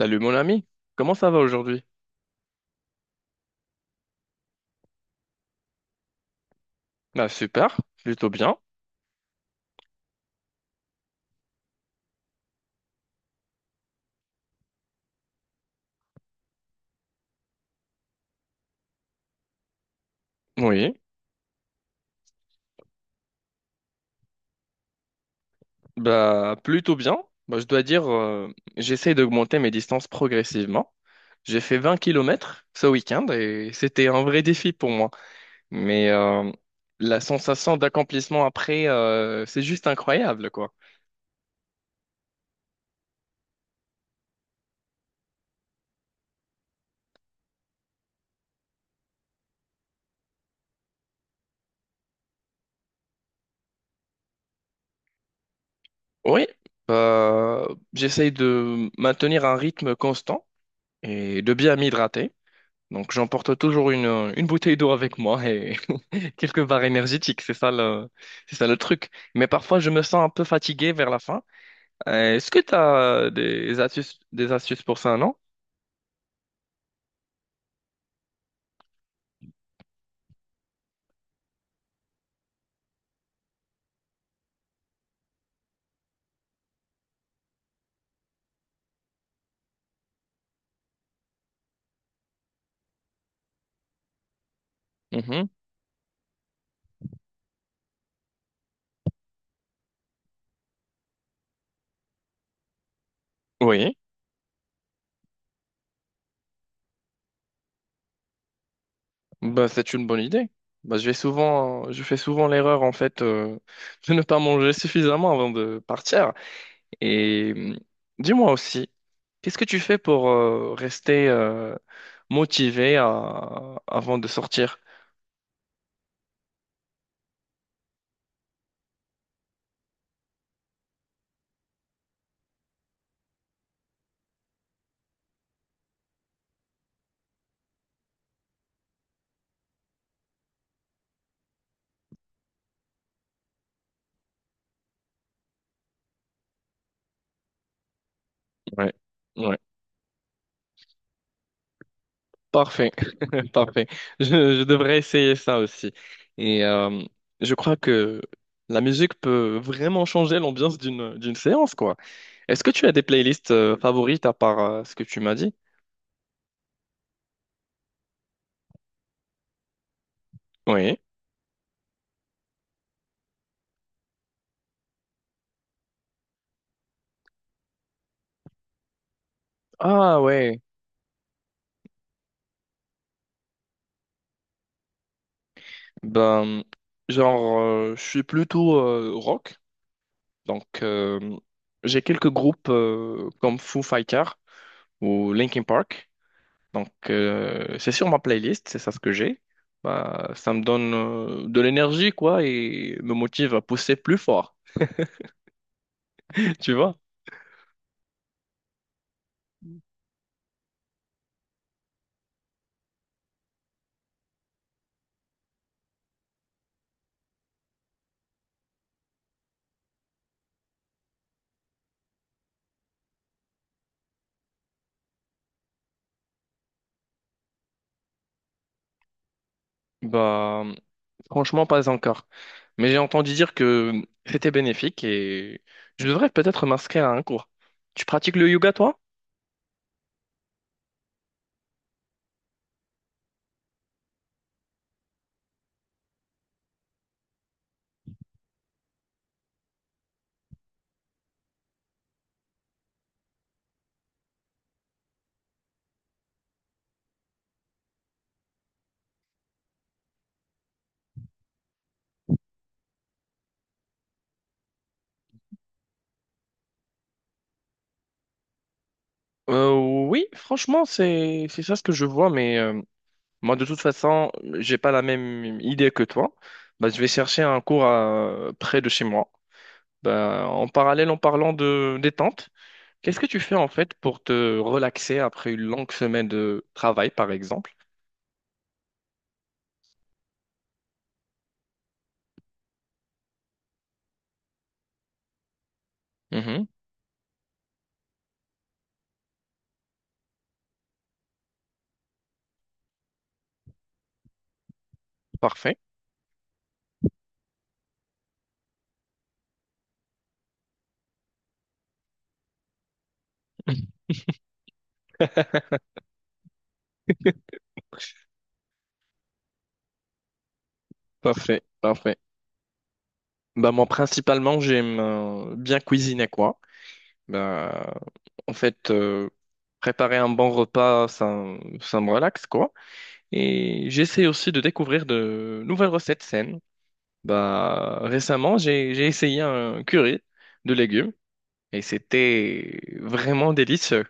Salut mon ami, comment ça va aujourd'hui? Bah super, plutôt bien. Oui, bah plutôt bien. Bah, je dois dire, j'essaie d'augmenter mes distances progressivement. J'ai fait 20 kilomètres ce week-end et c'était un vrai défi pour moi. Mais la sensation d'accomplissement après, c'est juste incroyable quoi. Oui, bah, j'essaie de maintenir un rythme constant et de bien m'hydrater. Donc j'emporte toujours une bouteille d'eau avec moi et quelques barres énergétiques, c'est ça le truc. Mais parfois je me sens un peu fatigué vers la fin. Est-ce que tu as des astuces pour ça, non? Mhm. Oui. Bah, c'est une bonne idée. Bah, je fais souvent l'erreur en fait de ne pas manger suffisamment avant de partir. Et dis-moi aussi, qu'est-ce que tu fais pour rester avant de sortir? Ouais, ouais, parfait, parfait. Je devrais essayer ça aussi. Et je crois que la musique peut vraiment changer l'ambiance d'une séance, quoi. Est-ce que tu as des playlists favorites à part ce que tu m'as dit? Oui. Ah ouais, ben genre je suis plutôt rock, donc j'ai quelques groupes comme Foo Fighters ou Linkin Park, donc c'est sur ma playlist, c'est ça ce que j'ai. Bah, ça me donne de l'énergie quoi et me motive à pousser plus fort, tu vois? Bah franchement pas encore, mais j'ai entendu dire que c'était bénéfique et je devrais peut-être m'inscrire à un cours. Tu pratiques le yoga toi? Euh, oui, franchement, c'est ça ce que je vois, mais moi de toute façon, j'ai pas la même idée que toi. Bah, je vais chercher un près de chez moi. Bah, en parallèle, en parlant de détente, qu'est-ce que tu fais en fait pour te relaxer après une longue semaine de travail, par exemple? Mhm, parfait. Parfait, parfait. Bah moi principalement j'aime bien cuisiner quoi. Bah en fait préparer un bon repas ça me relaxe quoi. Et j'essaie aussi de découvrir de nouvelles recettes saines. Bah, récemment, j'ai essayé un curry de légumes et c'était vraiment délicieux.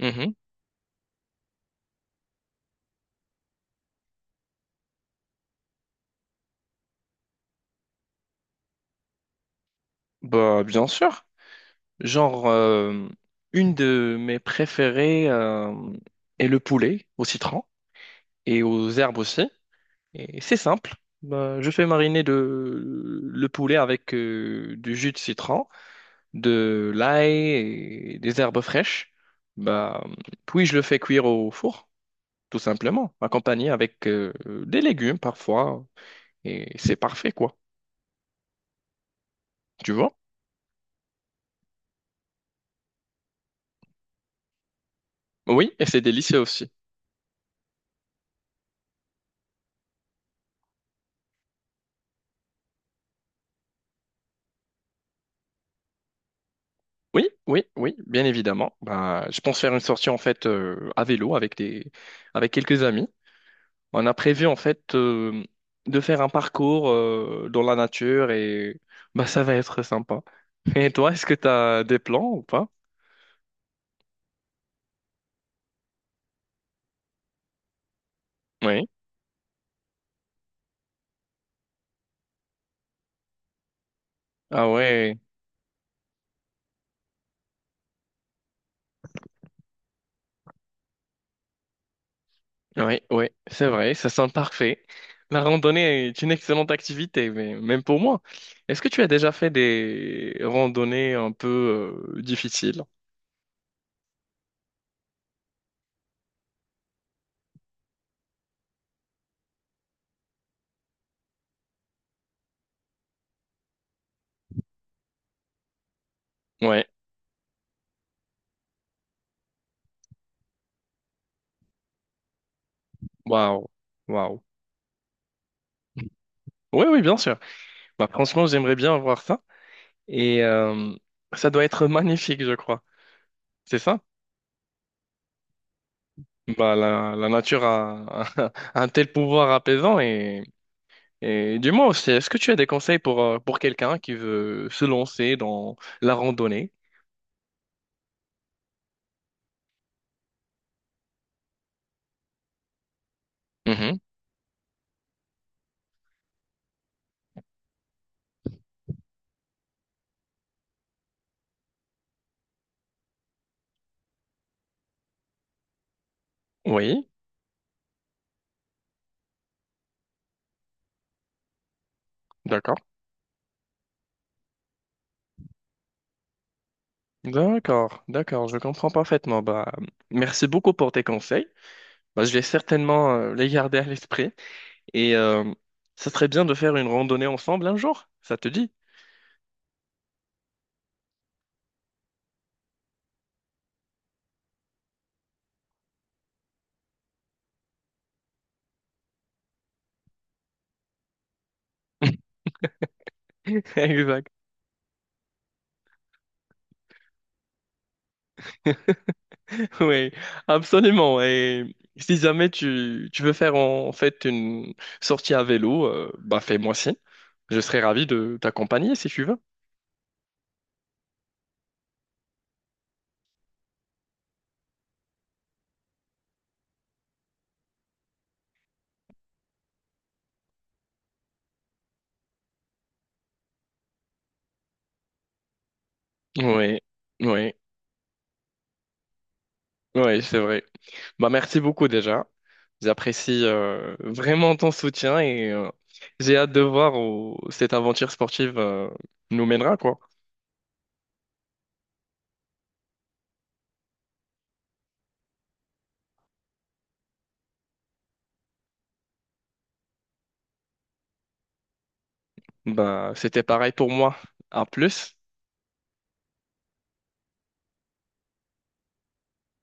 Mhm. Bah, bien sûr. Genre, euh, une de mes préférées est le poulet au citron et aux herbes aussi. Et c'est simple. Bah, je fais mariner le poulet avec du jus de citron. De l'ail et des herbes fraîches, bah, puis je le fais cuire au four, tout simplement, accompagné avec des légumes parfois, et c'est parfait, quoi. Tu vois? Oui, et c'est délicieux aussi. Oui, oui, oui, bien évidemment. Bah, je pense faire une sortie en fait à vélo avec avec quelques amis. On a prévu en fait de faire un parcours dans la nature et bah ça va être sympa. Et toi, est-ce que tu as des plans ou pas? Oui. Ah ouais. Oui, oui, c'est vrai, ça sent parfait. La randonnée est une excellente activité, mais même pour moi. Est-ce que tu as déjà fait des randonnées un peu difficiles? Ouais, waouh, waouh. Oui, oui, bien sûr. Bah, franchement, j'aimerais bien voir ça. Et ça doit être magnifique, je crois. C'est ça? Bah, la nature a un tel pouvoir apaisant et dis-moi aussi, est-ce que tu as des conseils pour quelqu'un qui veut se lancer dans la randonnée? Mhm. Oui. D'accord. D'accord, d'accord, je comprends parfaitement. Bah, merci beaucoup pour tes conseils. Bah, je vais certainement les garder à l'esprit et ça serait bien de faire une randonnée ensemble un jour, ça te dit? Exact. Oui, absolument. Et si jamais tu veux faire en fait une sortie à vélo, bah fais-moi signe. Je serais ravi de t'accompagner si tu veux. Oui, oui, oui, c'est vrai. Bah, merci beaucoup déjà. J'apprécie vraiment ton soutien et j'ai hâte de voir où cette aventure sportive nous mènera, quoi. Bah, c'était pareil pour moi. À plus.